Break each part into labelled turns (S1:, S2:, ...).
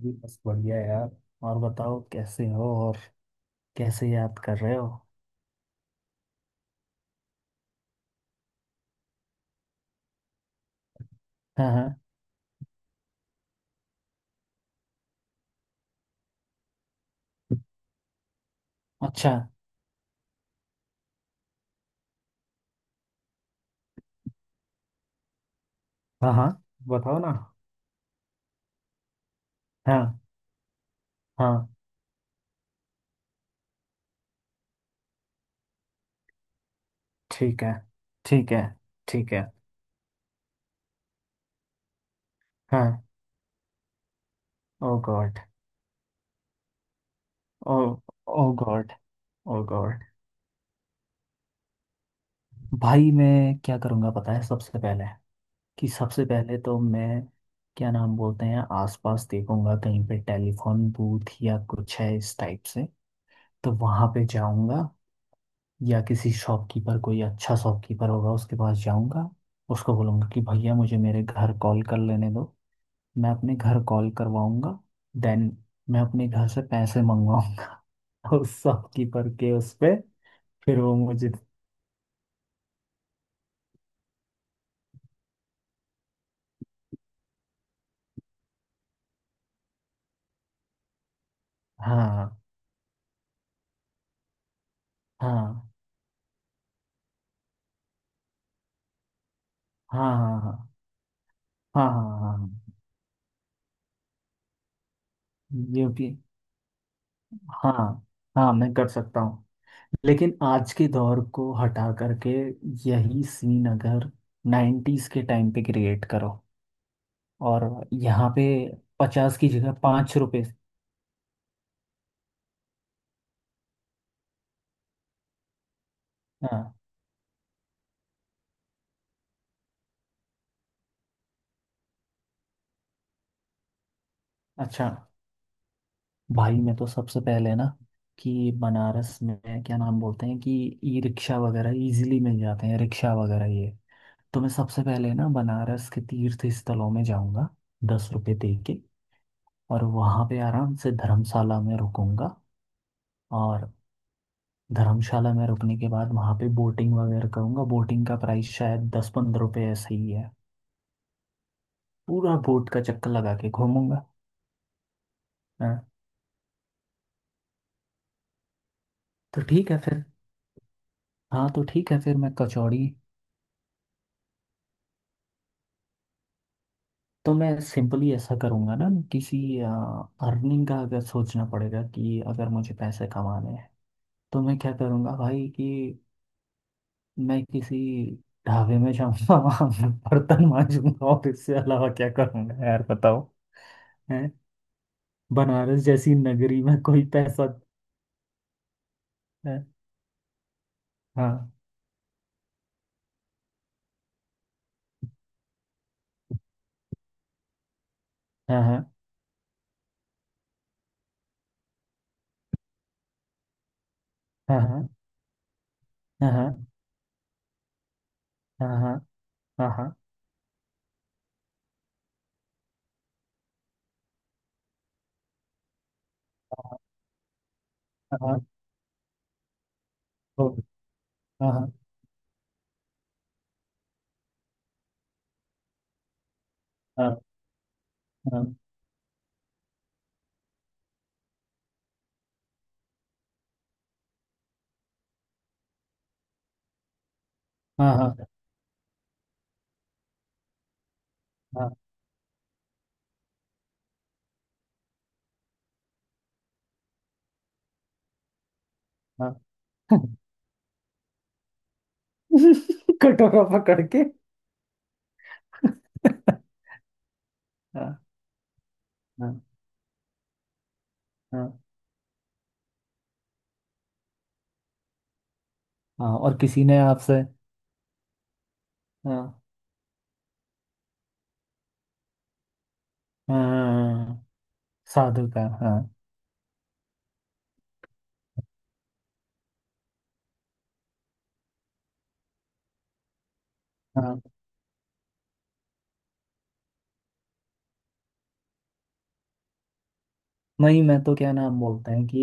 S1: जी बस बढ़िया यार। और बताओ कैसे हो? और कैसे याद कर रहे हो? हाँ हाँ। अच्छा। हाँ हाँ, बताओ ना। हाँ हाँ, ठीक है, ठीक है, ठीक है। हाँ। Oh God. Oh. Oh God. Oh God, भाई मैं क्या करूँगा पता है? सबसे पहले कि सबसे पहले तो मैं क्या नाम बोलते हैं, आसपास देखूंगा कहीं पे टेलीफोन बूथ या कुछ है इस टाइप से, तो वहां पे जाऊंगा। या किसी शॉपकीपर, कोई अच्छा शॉपकीपर होगा उसके पास जाऊंगा। उसको बोलूंगा कि भैया मुझे मेरे घर कॉल कर लेने दो। मैं अपने घर कॉल करवाऊंगा। देन मैं अपने घर से पैसे मंगवाऊंगा उस शॉपकीपर के उस पे। फिर वो मुझे। हाँ हाँ हाँ हाँ हाँ हाँ हाँ हाँ, हाँ, ये भी। हाँ हाँ, मैं कर सकता हूँ। लेकिन आज के दौर को हटा करके यही सीन अगर 90s के टाइम पे क्रिएट करो और यहाँ पे 50 की जगह ₹5। हाँ। अच्छा। भाई मैं तो सबसे पहले ना कि बनारस में क्या नाम बोलते हैं कि ई रिक्शा वगैरह इजीली मिल जाते हैं, रिक्शा वगैरह ये। तो मैं सबसे पहले ना बनारस के तीर्थ स्थलों में जाऊंगा ₹10 दे के। और वहाँ पे आराम से धर्मशाला में रुकूंगा। और धर्मशाला में रुकने के बाद वहाँ पे बोटिंग वगैरह करूंगा। बोटिंग का प्राइस शायद ₹10-15 ऐसे ही है। पूरा बोट का चक्कर लगा के घूमूंगा। हाँ, तो ठीक है फिर। हाँ, तो ठीक है फिर मैं कचौड़ी। तो मैं सिंपली ऐसा करूँगा ना, किसी। अर्निंग का अगर सोचना पड़ेगा कि अगर मुझे पैसे कमाने हैं, तो मैं क्या करूँगा भाई कि मैं किसी ढाबे में जाऊँगा। वहाँ मैं बर्तन मांजूंगा। और इससे अलावा क्या करूँगा यार बताओ? है। बनारस जैसी नगरी में कोई पैसा। है। हाँ हाँ हाँ हाँ हाँ हाँ हाँ हाँ हाँ हाँ हाँ हाँ हाँ हाँ हाँ हाँ हाँ हाँ हाँ, हाँ, हाँ, कटोरा पकड़ के। हाँ हाँ हाँ हाँ, और किसी ने आपसे। हाँ हाँ, साधु का हाँ। हाँ, नहीं मैं तो क्या नाम बोलते हैं कि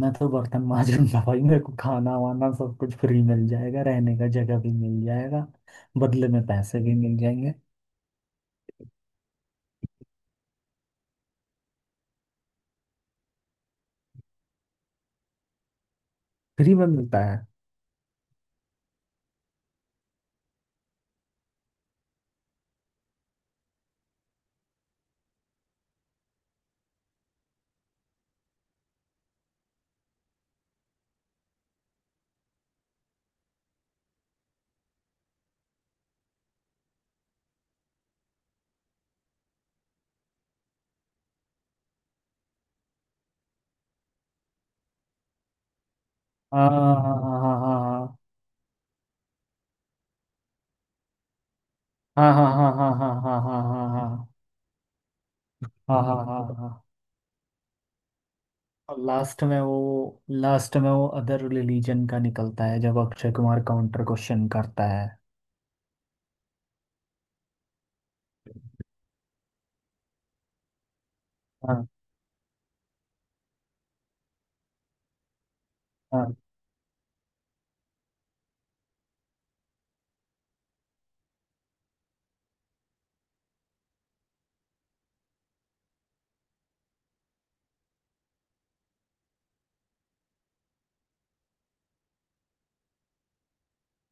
S1: मैं तो बर्तन माज लूंगा भाई, मेरे को खाना वाना सब कुछ फ्री मिल जाएगा, रहने का जगह भी मिल जाएगा। बदले में पैसे भी मिल जाएंगे। फ्री में मिलता है? हाँ हाँ हाँ हाँ हाँ हाँ हाँ हाँ हाँ हाँ हाँ हाँ हाँ हाँ हाँ हाँ हाँ हाँ हाँ। और लास्ट में वो, लास्ट में वो अदर रिलीजन का निकलता है जब अक्षय कुमार काउंटर क्वेश्चन करता है। हाँ हाँ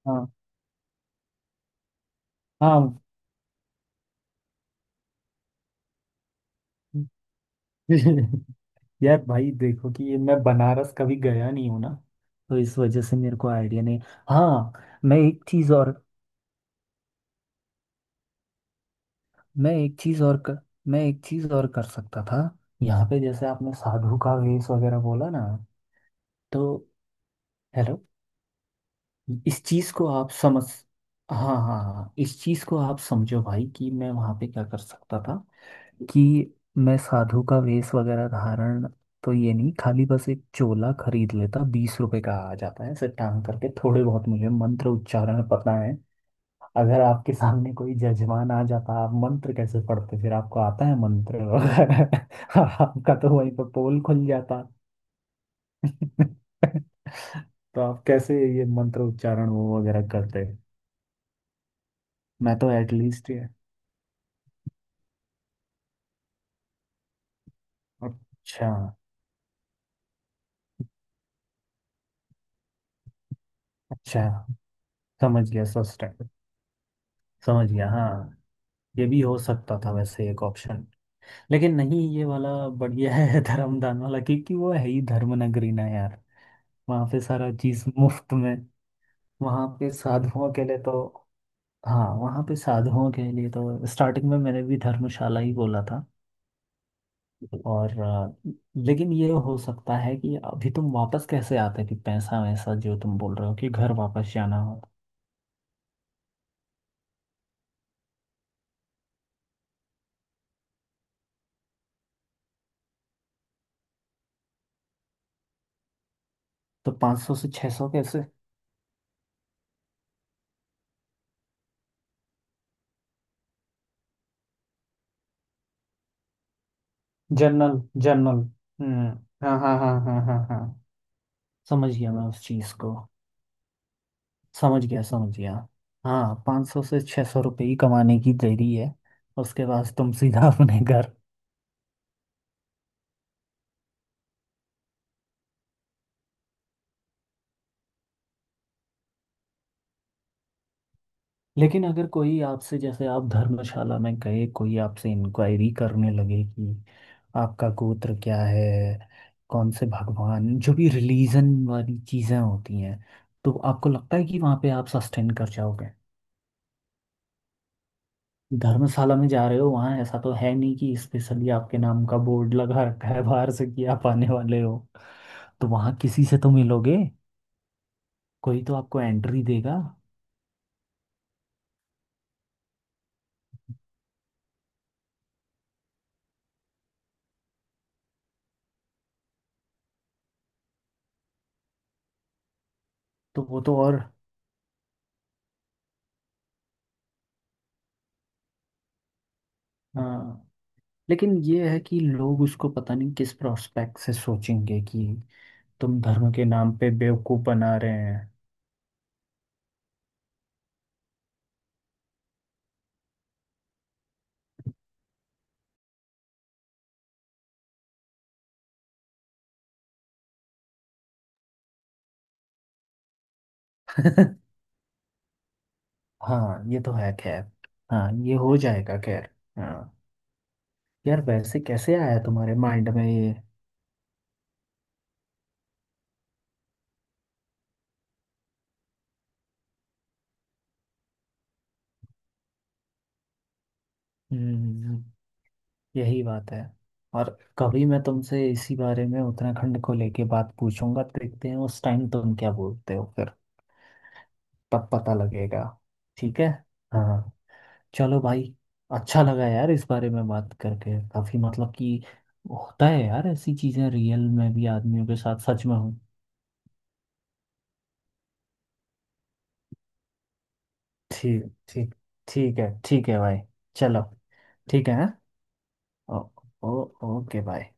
S1: हाँ हाँ यार भाई देखो कि ये मैं बनारस कभी गया नहीं हूं ना, तो इस वजह से मेरे को आइडिया नहीं। हाँ। मैं एक चीज और। मैं एक चीज और कर, मैं एक चीज और कर सकता था। यहाँ पे जैसे आपने साधु का वेश वगैरह बोला ना, तो। हेलो। इस चीज को आप समझ। हाँ हाँ हाँ, इस चीज को आप समझो भाई कि मैं वहां पे क्या कर सकता था कि मैं साधु का वेश वगैरह धारण। तो ये नहीं, खाली बस एक चोला खरीद लेता, ₹20 का आ जाता है ऐसे, टांग करके, थोड़े बहुत मुझे मंत्र उच्चारण पता है। अगर आपके सामने कोई जजमान आ जाता, आप मंत्र कैसे पढ़ते? फिर आपको आता है मंत्र वगैरह? आपका तो वहीं पर पोल खुल जाता। तो आप कैसे ये मंत्र उच्चारण वो वगैरह करते? मैं तो एटलीस्ट। अच्छा। अच्छा। समझ गया सस्टेन। समझ गया। हाँ, ये भी हो सकता था वैसे एक ऑप्शन। लेकिन नहीं, ये वाला बढ़िया है धर्मदान वाला क्योंकि वो है ही धर्म नगरी ना यार। वहाँ पे सारा चीज मुफ्त में। वहाँ पे साधुओं के लिए तो। हाँ, वहाँ पे साधुओं के लिए तो स्टार्टिंग में मैंने भी धर्मशाला ही बोला था। और लेकिन ये हो सकता है कि अभी तुम वापस कैसे आते कि पैसा वैसा जो तुम बोल रहे हो कि घर वापस जाना। तो 500 से 600 कैसे? General general. हम्म। हाँ हाँ हाँ हाँ हाँ हाँ, समझ गया मैं उस चीज को। समझ गया, समझ गया। हाँ, 500 से ₹600 ही कमाने की देरी है। उसके बाद तुम सीधा अपने घर। लेकिन अगर कोई आपसे, जैसे आप धर्मशाला में गए, कोई आपसे इंक्वायरी करने लगे कि आपका गोत्र क्या है, कौन से भगवान, जो भी रिलीजन वाली चीजें होती हैं, तो आपको लगता है कि वहाँ पे आप सस्टेन कर जाओगे? धर्मशाला में जा रहे हो, वहाँ ऐसा तो है नहीं कि स्पेशली आपके नाम का बोर्ड लगा रखा है बाहर से कि आप आने वाले हो। तो वहाँ किसी से तो मिलोगे। कोई तो आपको एंट्री देगा। तो वो तो और। हाँ। लेकिन ये है कि लोग उसको पता नहीं किस प्रोस्पेक्ट से सोचेंगे कि तुम धर्म के नाम पे बेवकूफ बना रहे हैं। हाँ, ये तो है खैर। हाँ, ये हो जाएगा खैर। हाँ, यार वैसे कैसे आया तुम्हारे माइंड में ये? हम्म, यही बात है। और कभी मैं तुमसे इसी बारे में उत्तराखंड को लेके बात पूछूंगा, देखते हैं उस टाइम तुम क्या बोलते हो फिर। तब पता लगेगा। ठीक है। हाँ, चलो भाई। अच्छा लगा यार इस बारे में बात करके, काफी मतलब कि होता है यार ऐसी चीजें रियल में भी आदमियों के साथ, सच में हूँ। ठीक। ठीक। ठीक है, ठीक है भाई। चलो। ठीक है, हाँ? ओ, ओ, ओके भाई।